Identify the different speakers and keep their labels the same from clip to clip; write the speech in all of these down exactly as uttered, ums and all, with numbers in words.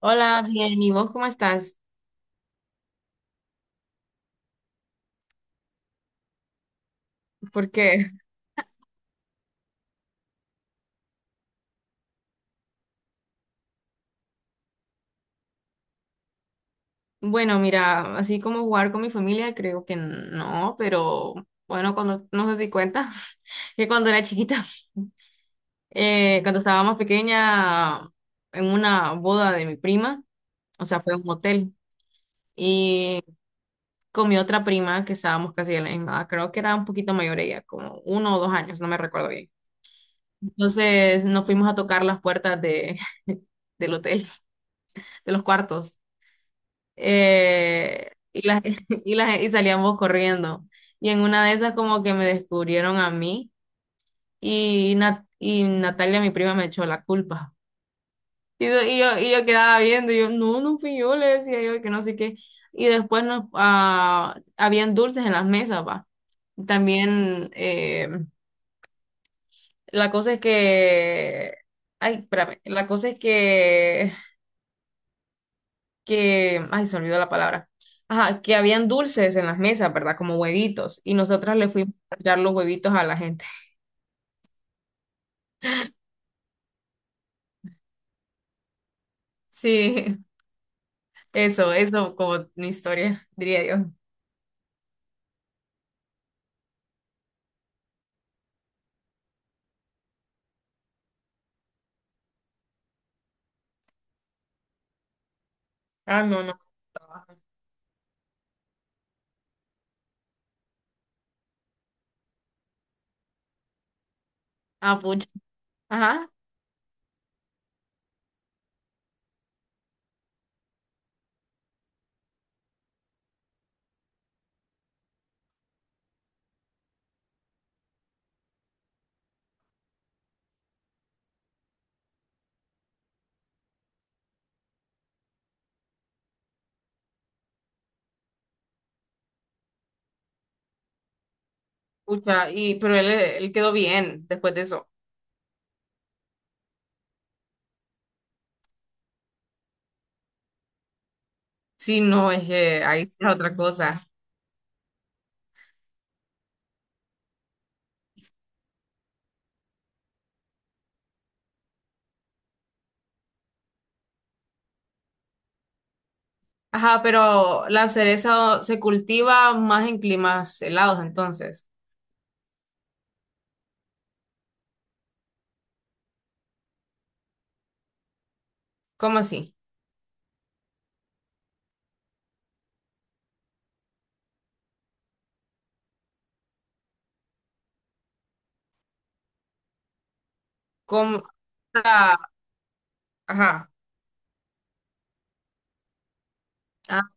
Speaker 1: Hola, bien, ¿y vos cómo estás? Porque, bueno, mira, así como jugar con mi familia, creo que no, pero bueno, cuando, no sé si cuenta, que cuando era chiquita, eh, cuando estaba más pequeña, en una boda de mi prima, o sea, fue a un motel y con mi otra prima, que estábamos casi de la misma edad, creo que era un poquito mayor ella, como uno o dos años, no me recuerdo bien. Entonces nos fuimos a tocar las puertas de, del hotel, de los cuartos. eh, y, las, y, las, y salíamos corriendo. Y en una de esas como que me descubrieron a mí y, Nat- y Natalia, mi prima, me echó la culpa. Y, yo, y yo y yo quedaba viendo y yo, no, no fui yo, le decía yo que no sé qué. Y después nos, ah, habían dulces en las mesas, va. También eh, la cosa es que... Ay, espérame. La cosa es que que, ay, se olvidó la palabra. Ajá, que habían dulces en las mesas, ¿verdad? Como huevitos. Y nosotras le fuimos a tirar los huevitos a la gente. Sí, eso, eso como mi historia, diría yo. Ah, no, no. Ah, pucha. Ajá, pucha. Y, pero él, él quedó bien después de eso. Sí, no, es que ahí es otra cosa. Ajá, pero la cereza se cultiva más en climas helados, entonces. ¿Cómo así? ¿Cómo? La- Ajá. Ah,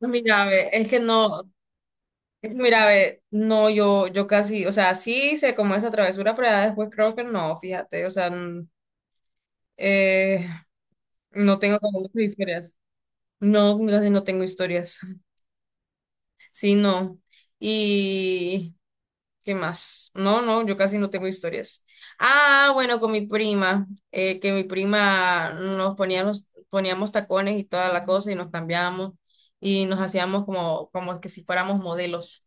Speaker 1: mira, ve, es que no. Mira, ve, no, yo, yo casi, o sea, sí hice como esa travesura, pero ya después creo que no, fíjate, o sea, n- eh, no tengo como muchas historias. No, no, casi no tengo historias. Sí, no. ¿Y qué más? No, no, yo casi no tengo historias. Ah, bueno, con mi prima, eh, que mi prima nos poníamos, poníamos tacones y toda la cosa y nos cambiábamos y nos hacíamos como, como que si fuéramos modelos.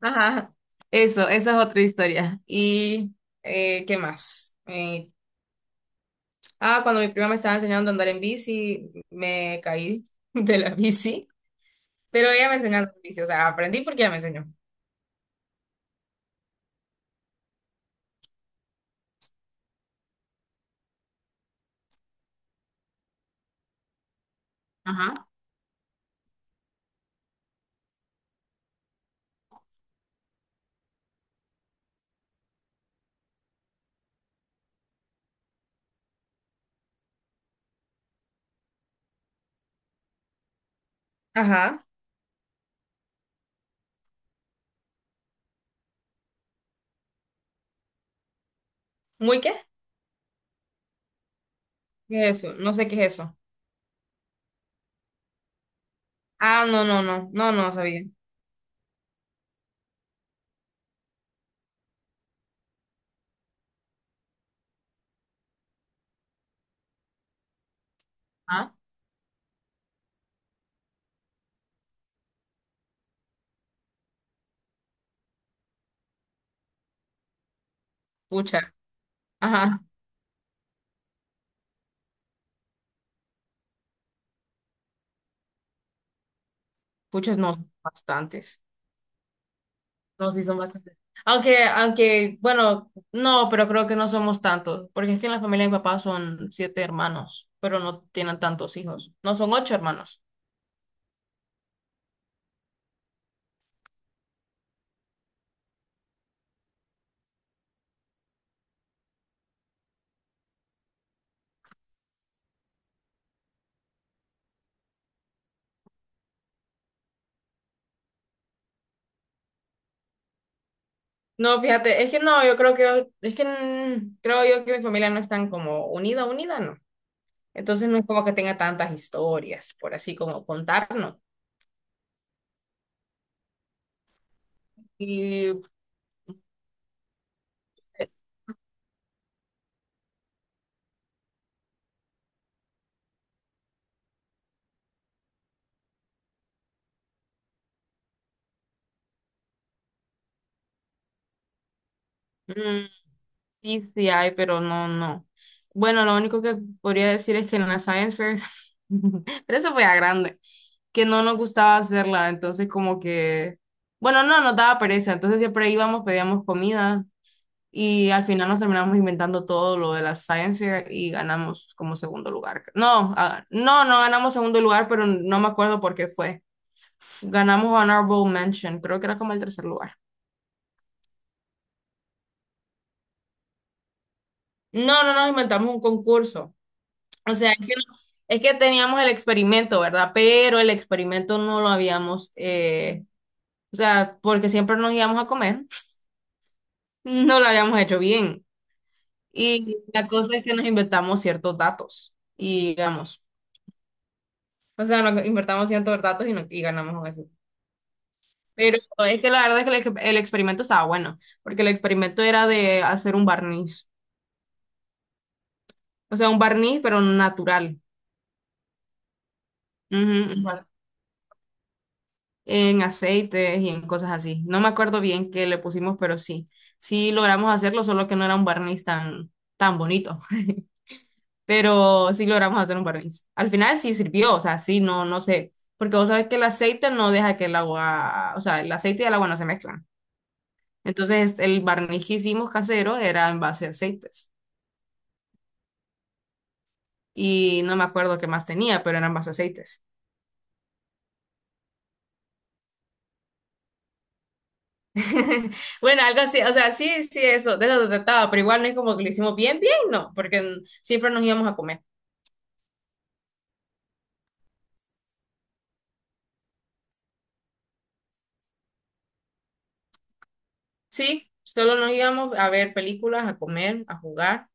Speaker 1: Ajá, eso, esa es otra historia. ¿Y eh, qué más? Eh, ah, cuando mi prima me estaba enseñando a andar en bici, me caí de la bici, pero ella me enseñó a andar en bici, o sea, aprendí porque ella me enseñó. Ajá. Ajá, ¿muy qué? ¿Qué es eso? No sé qué es eso. Ah, no, no, no, no, no sabía. Ah, pucha, ajá, puchas no, son bastantes. No, sí son bastantes. Aunque, aunque, bueno, no, pero creo que no somos tantos, porque es que en la familia de mi papá son siete hermanos, pero no tienen tantos hijos. No, son ocho hermanos. No, fíjate, es que no, yo creo que, es que mm, creo yo que mi familia no es tan como unida, unida, no. Entonces no es como que tenga tantas historias, por así como contarnos. Y mm, sí, sí hay, pero no, no. Bueno, lo único que podría decir es que en la Science Fair, pero eso fue a grande. Que no nos gustaba hacerla, entonces como que, bueno, no, nos daba pereza, entonces siempre íbamos, pedíamos comida y al final nos terminamos inventando todo lo de la Science Fair y ganamos como segundo lugar. No, ah, no, no ganamos segundo lugar, pero no me acuerdo por qué fue. F- Ganamos Honorable Mention, creo que era como el tercer lugar. No, no nos inventamos un concurso. O sea, es que, es que teníamos el experimento, ¿verdad? Pero el experimento no lo habíamos, eh, o sea, porque siempre nos íbamos a comer. No lo habíamos hecho bien. Y la cosa es que nos inventamos ciertos datos y digamos, o sea, nos invertamos ciertos datos y, no- y ganamos eso. Pero es que la verdad es que el, ex- el experimento estaba bueno, porque el experimento era de hacer un barniz, o sea, un barniz pero natural. Ujú, un en aceites y en cosas así. No me acuerdo bien qué le pusimos, pero sí, sí logramos hacerlo, solo que no era un barniz tan, tan bonito. Pero sí logramos hacer un barniz. Al final sí sirvió, o sea, sí, no, no sé, porque vos sabes que el aceite no deja que el agua, o sea, el aceite y el agua no se mezclan. Entonces, el barniz que hicimos casero era en base a aceites. Y no me acuerdo qué más tenía, pero eran base a aceites. Bueno, algo así, o sea, sí, sí, eso, de eso se trataba, pero igual no es como que lo hicimos bien, bien, no, porque siempre nos íbamos a comer. Sí, solo nos íbamos a ver películas, a comer, a jugar.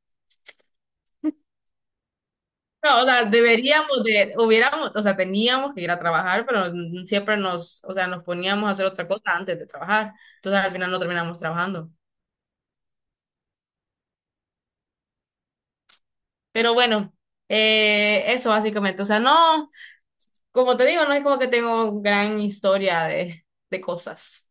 Speaker 1: No, o sea, deberíamos de, hubiéramos, o sea, teníamos que ir a trabajar, pero siempre nos, o sea, nos poníamos a hacer otra cosa antes de trabajar. Entonces al final no terminamos trabajando. Pero bueno, eh, eso básicamente. O sea, no, como te digo, no es como que tengo gran historia de, de cosas.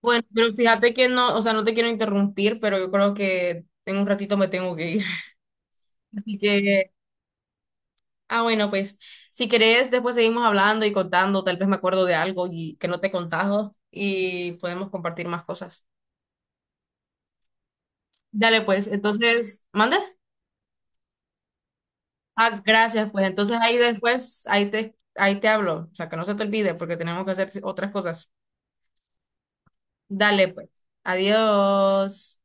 Speaker 1: Bueno, pero fíjate que no, o sea, no te quiero interrumpir, pero yo creo que en un ratito me tengo que ir. Así que ah, bueno, pues si querés, después seguimos hablando y contando, tal vez me acuerdo de algo y que no te he contado y podemos compartir más cosas. Dale, pues, entonces, ¿mande? Ah, gracias, pues entonces ahí después, ahí te, ahí te hablo, o sea, que no se te olvide porque tenemos que hacer otras cosas. Dale, pues, adiós.